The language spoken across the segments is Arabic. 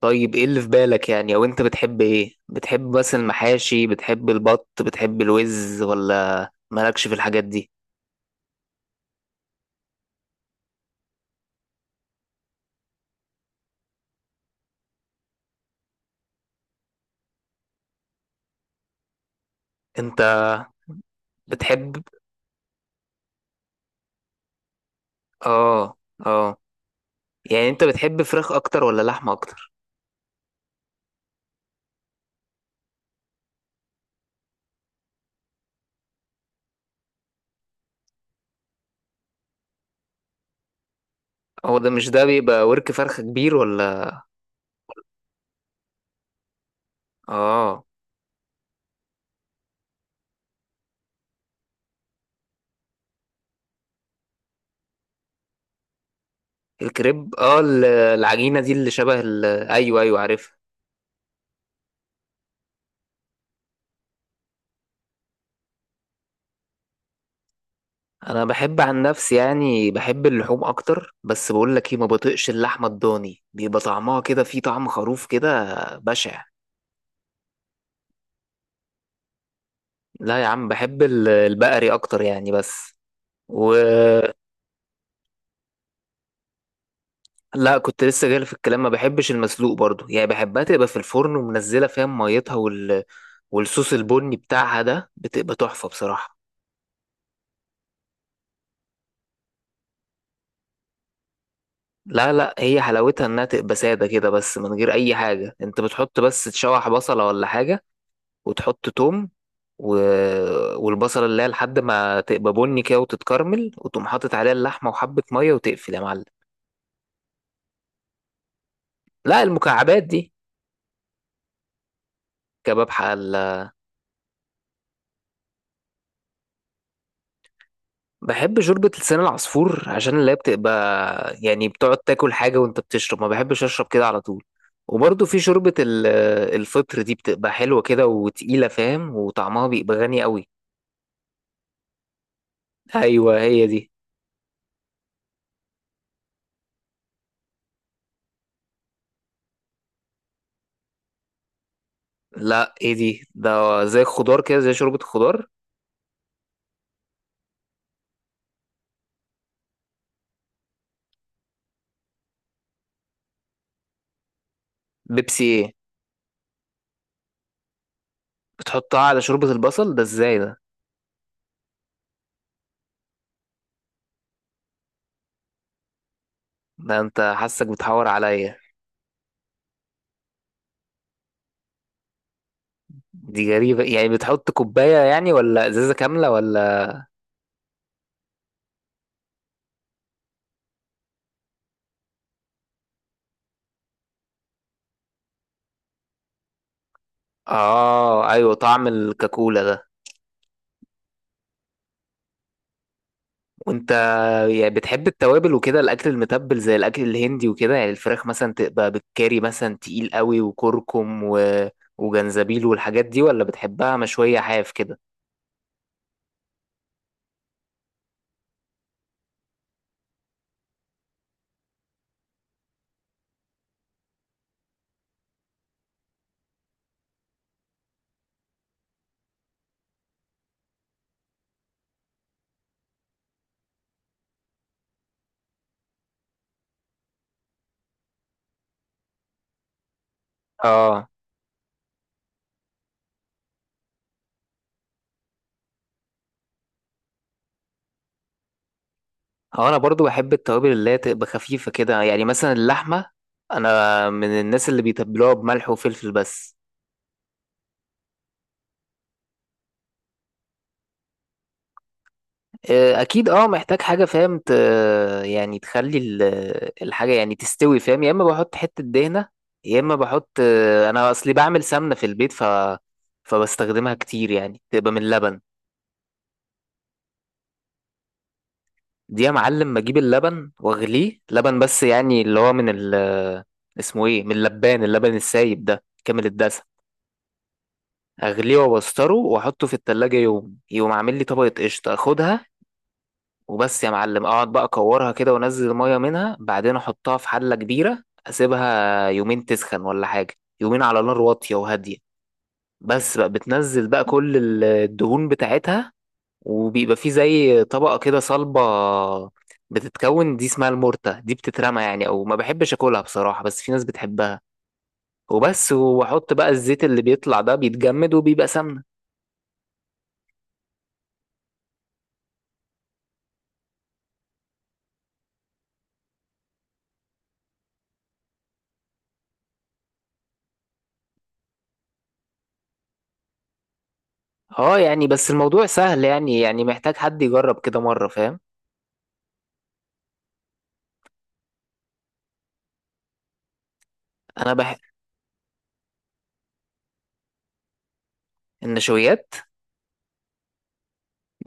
طيب، ايه اللي في بالك يعني؟ او انت بتحب ايه؟ بتحب بس المحاشي، بتحب البط، بتحب الوز، ولا مالكش في الحاجات دي؟ انت بتحب. اه، اه. يعني انت بتحب فراخ اكتر ولا لحمه اكتر؟ هو ده، مش ده بيبقى ورك فرخه كبير، ولا؟ اه. الكريب، العجينه دي اللي شبه ايوه، ايوه، عارفها. انا بحب عن نفسي، يعني بحب اللحوم اكتر، بس بقول لك ايه، ما بطيقش اللحمه الضاني، بيبقى طعمها كده فيه طعم خروف كده. بشع. لا يا عم، بحب البقري اكتر يعني، بس. و. لا، كنت لسه جاي في الكلام، ما بحبش المسلوق برضو، يعني بحبها تبقى في الفرن ومنزله فيها ميتها والصوص البني بتاعها ده، بتبقى تحفه بصراحه. لا، لا، هي حلاوتها انها تبقى ساده كده بس، من غير اي حاجه. انت بتحط بس تشوح بصله ولا حاجه، وتحط توم، و... والبصله اللي هي لحد ما تبقى بني كده وتتكرمل، وتقوم حاطط عليها اللحمه وحبه ميه وتقفل يا معلم. لا، المكعبات دي. كباب حل. بحب شوربة لسان العصفور، عشان اللي هي بتبقى يعني بتقعد تاكل حاجة وانت بتشرب، ما بحبش اشرب كده على طول. وبرضه في شوربة الفطر دي، بتبقى حلوة كده وتقيلة فاهم، وطعمها بيبقى غني قوي. ايوه، هي دي. لا، ايه دي؟ ده زي الخضار كده، زي شوربة الخضار. بيبسي ايه؟ بتحطها على شوربة البصل ده ازاي ده؟ ده انت حاسك بتحور عليا. دي غريبة يعني، بتحط كوباية يعني ولا ازازة كاملة ولا؟ اه، ايوه، طعم الكاكولا ده. وانت يعني بتحب التوابل وكده، الاكل المتبل زي الاكل الهندي وكده؟ يعني الفراخ مثلا تبقى بالكاري مثلا، تقيل قوي وكركم وجنزبيل والحاجات دي، ولا بتحبها مشوية حاف كده؟ اه. اه، انا برضو بحب التوابل اللي هي تبقى خفيفة كده، يعني مثلا اللحمة، انا من الناس اللي بيتبلوها بملح وفلفل بس. اكيد. اه، محتاج حاجه فاهم يعني تخلي الحاجه يعني تستوي فاهم. يا اما بحط حته دهنه، يا اما بحط، انا اصلي بعمل سمنه في البيت، فبستخدمها كتير يعني، تبقى من اللبن. دي يا معلم بجيب اللبن واغليه، لبن بس يعني، اللي هو من ال اسمه ايه من اللبان، اللبن السايب ده كامل الدسم. اغليه وابستره واحطه في التلاجة، يوم يقوم عامل لي طبقة قشطة اخدها. وبس يا معلم، اقعد بقى اكورها كده وانزل الميه منها، بعدين احطها في حله كبيره، اسيبها يومين تسخن ولا حاجه، يومين على نار واطيه وهاديه. بس بقى بتنزل بقى كل الدهون بتاعتها، وبيبقى في زي طبقه كده صلبه بتتكون، دي اسمها المورتا دي، بتترمى يعني، او ما بحبش اكلها بصراحه، بس في ناس بتحبها. وبس، واحط بقى الزيت اللي بيطلع ده، بيتجمد وبيبقى سمنه. اه، يعني بس الموضوع سهل يعني محتاج حد يجرب كده مره فاهم. انا بح... النشويات،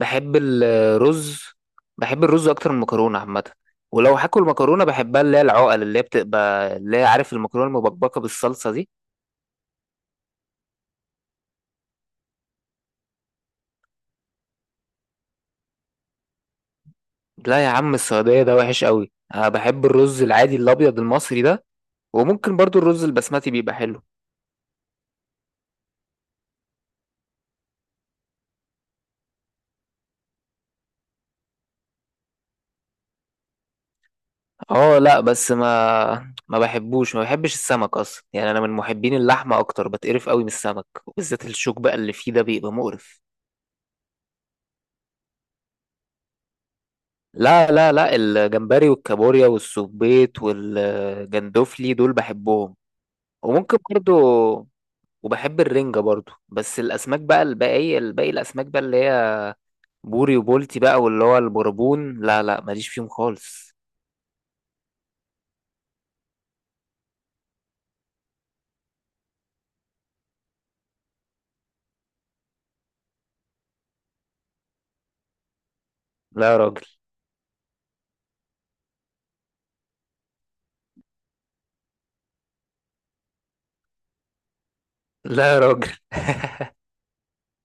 بحب الرز. بحب الرز اكتر من المكرونه عامه. ولو هاكل مكرونه، بحبها اللي هي العقل، اللي هي بتبقى اللي هي، عارف، المكرونه المبكبكه بالصلصه دي. لا يا عم، السعوديه ده وحش قوي، انا بحب الرز العادي الابيض المصري ده، وممكن برضو الرز البسمتي بيبقى حلو. اه، لا، بس ما بحبوش، ما بحبش السمك اصلا يعني، انا من محبين اللحمه اكتر. بتقرف قوي من السمك، وبالذات الشوك بقى اللي فيه ده بيبقى مقرف. لا، لا، لا، الجمبري والكابوريا والسبيط والجندوفلي دول بحبهم. وممكن برضو، وبحب الرنجة برضو، بس الأسماك بقى الباقية، الباقي الأسماك بقى اللي هي بوري وبولتي بقى، واللي هو البربون، لا لا، ماليش فيهم خالص. لا يا راجل. لا يا راجل.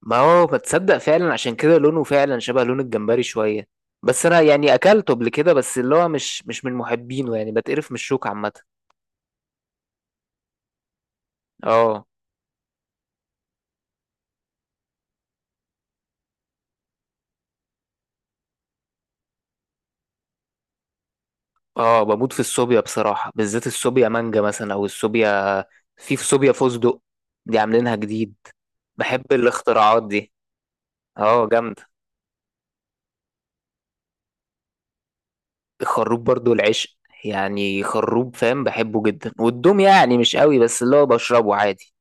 ما هو ما تصدق فعلا، عشان كده لونه فعلا شبه لون الجمبري شوية. بس أنا يعني أكلته قبل كده، بس اللي هو مش من محبينه يعني، بتقرف من الشوك عامة. اه، اه، بموت في الصوبيا بصراحة، بالذات الصوبيا مانجا مثلا، او الصوبيا. في صوبيا فستق، دي عاملينها جديد. بحب الاختراعات دي. اه، جامدة. الخروب برضو العشق، يعني خروب فاهم، بحبه جدا. والدوم يعني مش قوي، بس اللي هو بشربه عادي.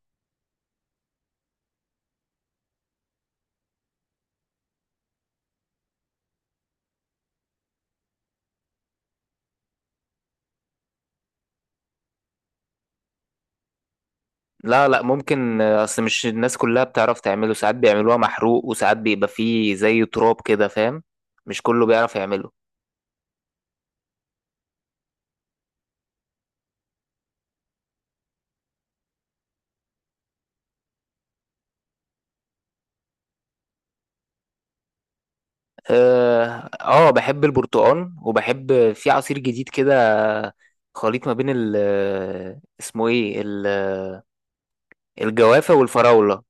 لا، لا، ممكن. اصل مش الناس كلها بتعرف تعمله، ساعات بيعملوها محروق، وساعات بيبقى فيه زي تراب كده فاهم. مش كله بيعرف يعمله. اه، بحب البرتقال، وبحب في عصير جديد كده، خليط ما بين ال اسمه ايه ال- الجوافة والفراولة.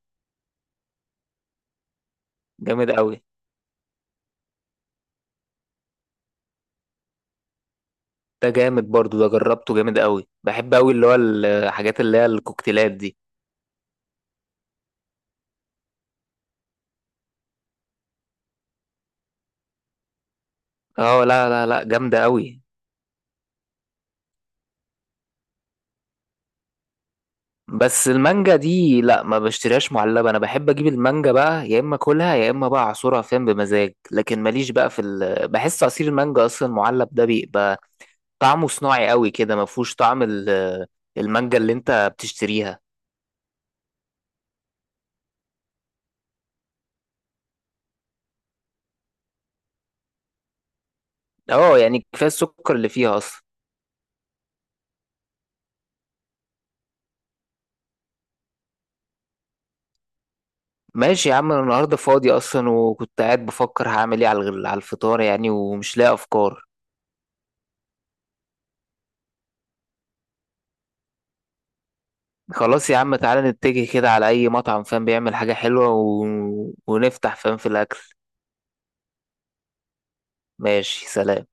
جامد قوي. ده جامد برضو، ده جربته، جامد قوي، بحب قوي اللي هو الحاجات اللي هي الكوكتيلات دي. اه، لا، لا، لا، جامدة قوي. بس المانجا دي لا، ما بشتريهاش معلبة، انا بحب اجيب المانجا بقى، يا اما اكلها يا اما بقى اعصرها فين بمزاج. لكن ماليش بقى في بحس عصير المانجا اصلا معلب ده بيبقى طعمه صناعي قوي كده، ما فيهوش طعم المانجا اللي انت بتشتريها. اه، يعني كفايه السكر اللي فيها اصلا. ماشي يا عم، انا النهارده فاضي اصلا، وكنت قاعد بفكر هعمل ايه على على الفطار يعني، ومش لاقي افكار. خلاص يا عم، تعالى نتجه كده على اي مطعم فاهم بيعمل حاجه حلوه ونفتح فاهم في الاكل. ماشي، سلام.